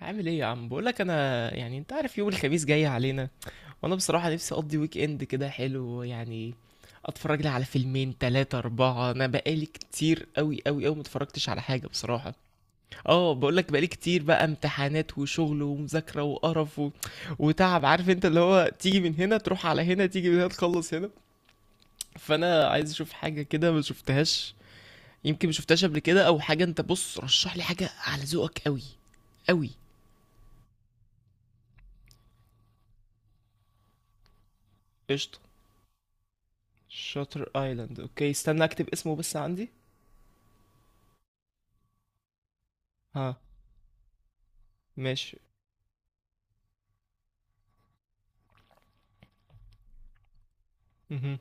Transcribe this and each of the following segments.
عامل ايه يا عم؟ بقولك انا يعني انت عارف يوم الخميس جاي علينا، وانا بصراحة نفسي اقضي ويك اند كده حلو يعني. اتفرج لي على فيلمين تلاتة اربعة، انا بقالي كتير قوي متفرجتش على حاجة بصراحة. اه بقولك، بقالي كتير بقى امتحانات وشغل ومذاكرة وقرف وتعب، عارف انت اللي هو تيجي من هنا تروح على هنا، تيجي من هنا تخلص هنا. فانا عايز اشوف حاجة كده ما شفتهاش، يمكن ما شفتهاش قبل كده او حاجة. انت بص، رشح لي حاجة على ذوقك قوي قوي. قشطة. شاتر ايلاند، اوكي استنى اكتب اسمه بس عندي. ها. ماشي. مهم.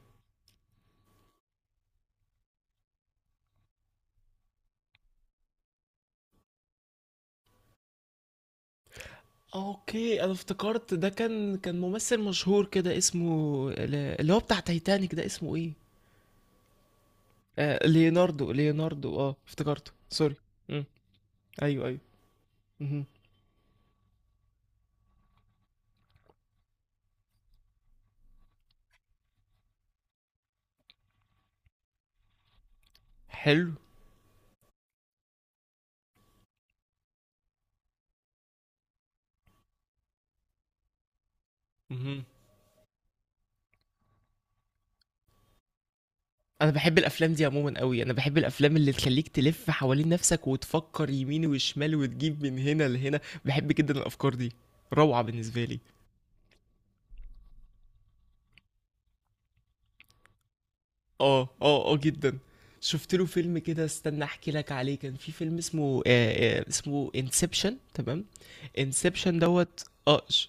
اوكي، انا افتكرت ده كان ممثل مشهور كده اسمه اللي هو بتاع تايتانيك ده، اسمه ايه؟ آه ليوناردو، ليوناردو، اه افتكرته، سوري. مم. ايوه ايوه. مهم. حلو. مهم. انا بحب الافلام دي عموما قوي، انا بحب الافلام اللي تخليك تلف حوالين نفسك وتفكر يمين وشمال وتجيب من هنا لهنا. بحب جدا الافكار دي، روعة بالنسبة لي. اه اه اه جدا. شفت له فيلم كده، استنى احكي لك عليه، كان في فيلم اسمه اسمه انسبشن، تمام. انسبشن دوت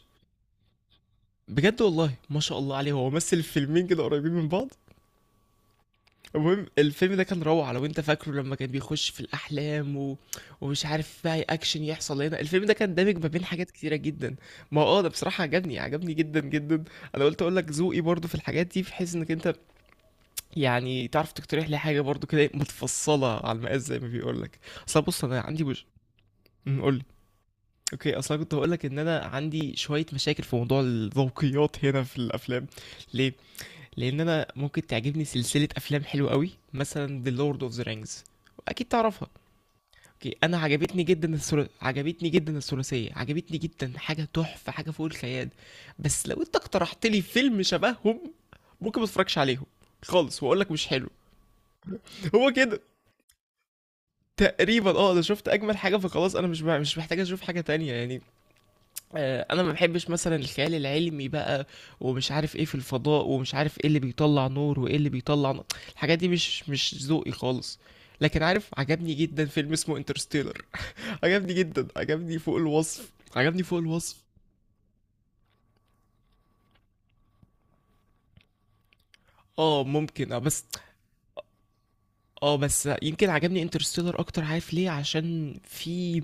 بجد والله ما شاء الله عليه، هو مثل فيلمين كده قريبين من بعض. المهم الفيلم ده كان روعة، لو انت فاكره لما كان بيخش في الاحلام ومش عارف بقى اكشن يحصل هنا، الفيلم ده كان دامج ما بين حاجات كتيرة جدا. ما اه ده بصراحة عجبني عجبني جدا جدا. انا قلت اقول لك ذوقي برضو في الحاجات دي، بحيث انك انت يعني تعرف تقترح لي حاجة برضو كده متفصلة على المقاس زي ما بيقولك. اصل بص، انا عندي مش... أمم، قولي. اوكي، اصل أنا كنت هقولك ان انا عندي شوية مشاكل في موضوع الذوقيات هنا في الافلام. ليه؟ لان انا ممكن تعجبني سلسلة افلام حلوة قوي، مثلا The Lord of the Rings، اكيد تعرفها. اوكي، انا عجبتني جدا عجبتني جدا الثلاثية، عجبتني جدا، حاجة تحفة، حاجة فوق الخيال. بس لو انت اقترحت لي فيلم شبههم، ممكن ما اتفرجش عليهم خالص واقول لك مش حلو. هو كده تقريبا، اه انا شفت اجمل حاجه، فخلاص انا مش محتاج اشوف حاجه تانية يعني. انا ما بحبش مثلا الخيال العلمي بقى، ومش عارف ايه في الفضاء، ومش عارف ايه اللي بيطلع نور، وايه اللي بيطلع نار. الحاجات دي مش ذوقي خالص. لكن عارف، عجبني جدا فيلم اسمه انترستيلر، عجبني جدا، عجبني فوق الوصف، عجبني فوق الوصف. اه ممكن بس، اه بس يمكن عجبني انترستيلر اكتر، عارف ليه؟ عشان في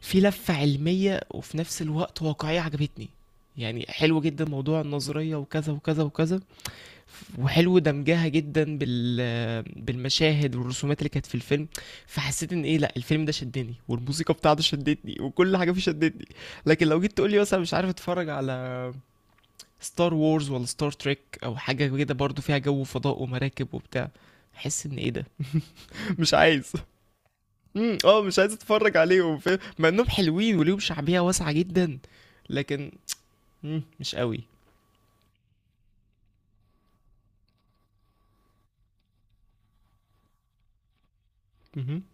في لفة علمية، وفي نفس الوقت واقعية، عجبتني. يعني حلو جدا موضوع النظرية وكذا وكذا وكذا، وحلو دمجها جدا بالمشاهد والرسومات اللي كانت في الفيلم. فحسيت ان ايه، لا الفيلم ده شدني، والموسيقى بتاعته شدتني، وكل حاجة فيه شدتني. لكن لو جيت تقولي مثلا مش عارف اتفرج على ستار وورز ولا ستار تريك او حاجة كده برضو فيها جو فضاء ومراكب وبتاع، احس ان ايه ده. مش عايز. امم، اه مش عايز اتفرج عليهم، فاهم؟ مع انهم حلوين وليهم شعبية واسعة جدا، لكن مم، مش قوي. امم.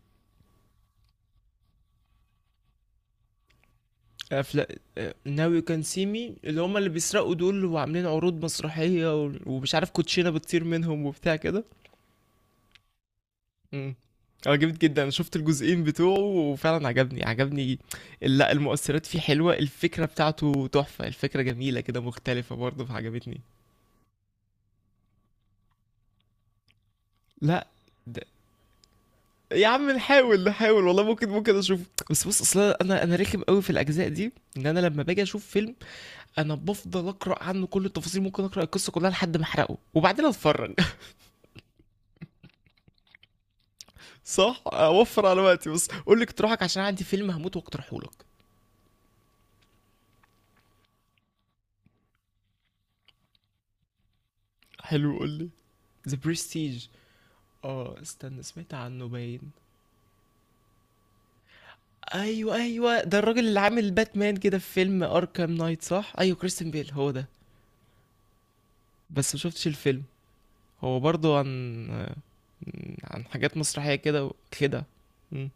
افلام ناو يو كان سي مي، اللي هما اللي بيسرقوا دول، وعاملين عروض مسرحية ومش عارف كوتشينة بتطير منهم وبتاع كده. امم. اه جامد جدا، انا شفت الجزئين بتوعه، وفعلا عجبني عجبني. لا المؤثرات فيه حلوة، الفكرة بتاعته تحفة، الفكرة جميلة كده مختلفة برضه، فعجبتني. لا يا عم نحاول والله، ممكن ممكن اشوف. بس بص اصلا، انا رخم قوي في الاجزاء دي، ان انا لما باجي اشوف فيلم، انا بفضل اقرا عنه كل التفاصيل، ممكن اقرا القصه كلها لحد ما احرقه وبعدين اتفرج. صح اوفر على وقتي. بس قول لي اقتراحك، عشان عندي فيلم هموت واقترحه لك. حلو، قول لي. ذا برستيج. اه استنى، سمعت عنه باين. ايوه ايوه، ده الراجل اللي عامل باتمان كده في فيلم اركام نايت صح؟ ايوه كريستن بيل، هو ده. بس ما شفتش الفيلم. هو برضو عن، عن حاجات مسرحية كده وكده. مم.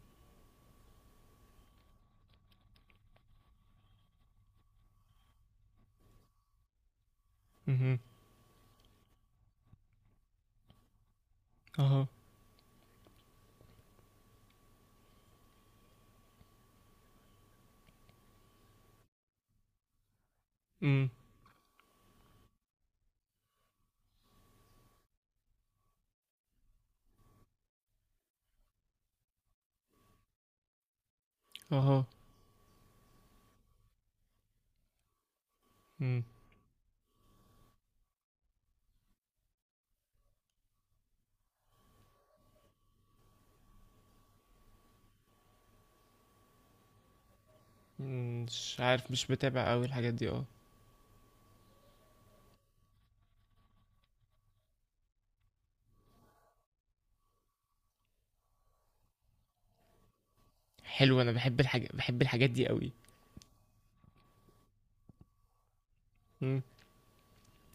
مهم. اها. مم. اها. مم. مم. مش عارف، مش بتابع قوي الحاجات دي اه. حلو، انا بحب الحاجة، بحب الحاجات دي قوي. مم.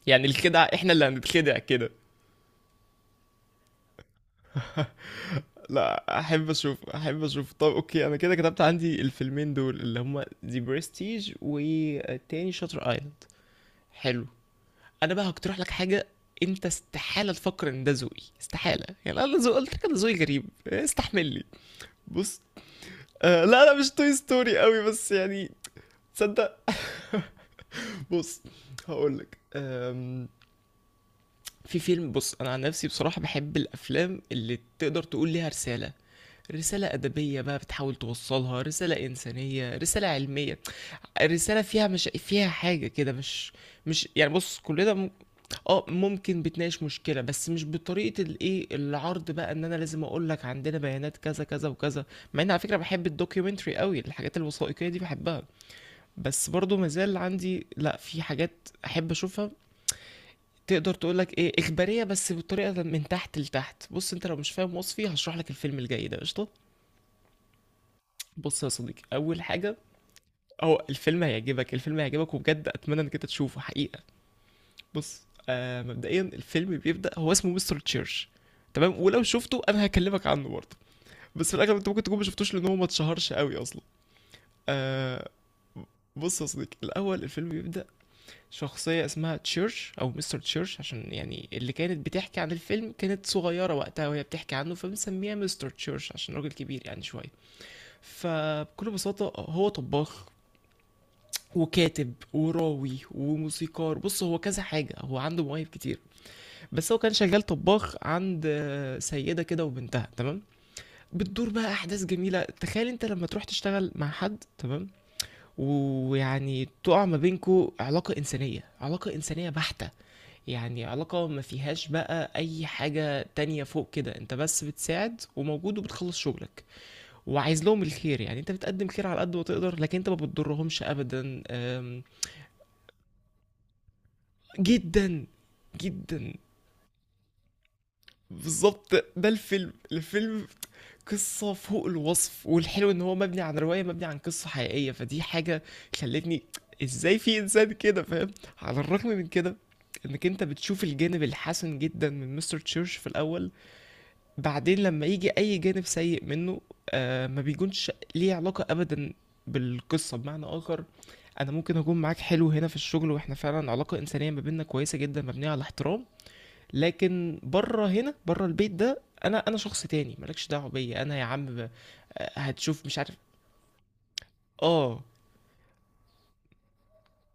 يعني الخدع احنا اللي هنتخدع كده. لا، احب اشوف احب اشوف. طب اوكي، انا كده كتبت عندي الفيلمين دول اللي هما ذا برستيج والتاني شاتر ايلاند. حلو. انا بقى هقترح لك حاجه، انت استحاله تفكر ان ده ذوقي، استحاله. يعني انا ذوق، قلت لك انا ذوقي غريب، استحملني. بص، آه لا انا مش توي ستوري قوي، بس يعني، تصدق. بص، هقول لك. في فيلم، بص انا عن نفسي بصراحه بحب الافلام اللي تقدر تقول ليها رساله، رسالة أدبية بقى بتحاول توصلها، رسالة إنسانية، رسالة علمية، رسالة فيها، مش فيها حاجة كده، مش، مش يعني، بص كلنا ممكن بتناقش مشكلة، بس مش بطريقة الإيه، العرض بقى إن أنا لازم أقول لك عندنا بيانات كذا، كذا وكذا. مع إني على فكرة باحب الdocumentary أوي، الحاجات الوثائقية دي باحبها، بس برضه ما زال عندي لأ، في حاجات أحب أشوفها. تقدر تقول لك إيه، إخبارية بس بطريقة من تحت لتحت. بُص، أنت لو مش فاهم وصفي هاشرح لك الفيلم الجاي ده، قشطة؟ بُص يا صديقي، أول حاجة، هو الفيلم هيعجبك، الفيلم هيعجبك وبجد أتمنى إنك أنت تشوفه حقيقة. بص، آه مبدئيا الفيلم بيبدأ، هو اسمه مستر تشيرش. تمام، ولو شفته انا هكلمك عنه برضه، بس في الاغلب انت ممكن تكون ما شفتوش لان هو ما اتشهرش قوي اصلا. آه. بص يا صديقي، الاول الفيلم بيبدأ، شخصية اسمها تشيرش او مستر تشيرش، عشان يعني اللي كانت بتحكي عن الفيلم كانت صغيرة وقتها، وهي بتحكي عنه فبنسميها مستر تشيرش عشان راجل كبير يعني شوية. فبكل بساطة هو طباخ وكاتب وراوي وموسيقار، بص هو كذا حاجة، هو عنده مواهب كتير. بس هو كان شغال طباخ عند سيدة كده وبنتها، تمام. بتدور بقى أحداث جميلة، تخيل أنت لما تروح تشتغل مع حد، تمام، ويعني تقع ما بينكو علاقة إنسانية، علاقة إنسانية بحتة، يعني علاقة ما فيهاش بقى أي حاجة تانية فوق كده، أنت بس بتساعد وموجود وبتخلص شغلك وعايز لهم الخير، يعني أنت بتقدم خير على قد ما تقدر، لكن أنت ما بتضرهمش أبدا. جدا جدا، بالظبط ده الفيلم. الفيلم قصة فوق الوصف، والحلو ان هو مبني عن رواية، مبني عن قصة حقيقية، فدي حاجة خلتني، ازاي في انسان كده، فاهم؟ على الرغم من كده، انك انت بتشوف الجانب الحسن جدا من مستر تشيرش في الاول، بعدين لما يجي اي جانب سيء منه، آه ما بيكونش ليه علاقة ابدا بالقصة. بمعنى اخر، انا ممكن اكون معاك حلو هنا في الشغل، واحنا فعلا علاقة انسانية ما بيننا كويسة جدا مبنية على احترام، لكن بره، هنا بره البيت ده، انا انا شخص تاني، مالكش دعوه بيا. انا يا عم هتشوف مش عارف. اه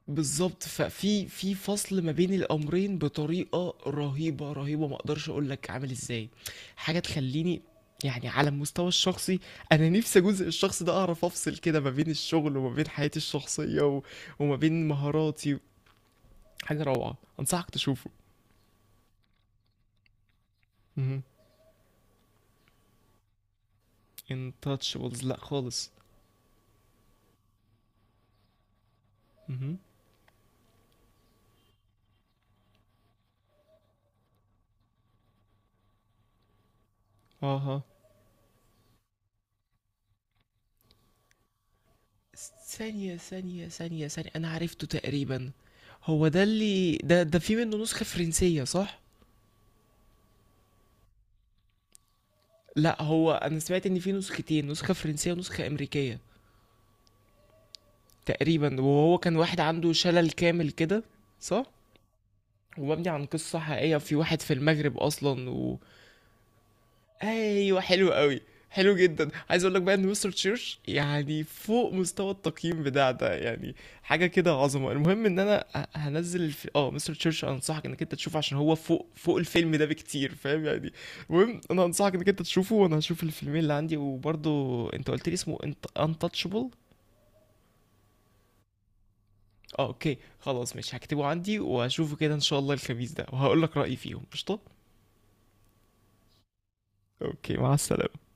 بالظبط، ففي في فصل ما بين الامرين بطريقه رهيبه، ما اقدرش اقول لك عامل ازاي، حاجه تخليني يعني على المستوى الشخصي، انا نفسي جزء الشخص ده اعرف افصل كده ما بين الشغل وما بين حياتي الشخصيه وما بين مهاراتي. حاجه روعه، انصحك تشوفه. امم. انتاتشبلز، لا خالص. امم. اها. ثانية أنا عرفته تقريبا، هو ده اللي ده، في منه نسخة فرنسية صح؟ لا هو، أنا سمعت إن في نسختين، نسخة فرنسية ونسخة أمريكية تقريبا، وهو كان واحد عنده شلل كامل كده صح؟ ومبني عن قصة حقيقية في واحد في المغرب أصلا. ايوه حلو قوي. حلو جدا. عايز اقول لك بقى ان مستر تشيرش يعني فوق مستوى التقييم بتاع ده يعني، حاجه كده عظمه. المهم ان انا هنزل الف... اه مستر تشيرش انصحك انك انت تشوفه، عشان هو فوق، فوق الفيلم ده بكتير، فاهم يعني؟ المهم انا انصحك انك انت تشوفه، وانا هشوف الفيلمين اللي عندي، وبرضه انت قلت لي اسمه انت انتاتشبل. اه اوكي خلاص، ماشي هكتبه عندي وهشوفه كده ان شاء الله الخميس ده، وهقول لك رايي فيهم، قشطه. اوكي، مع السلامه.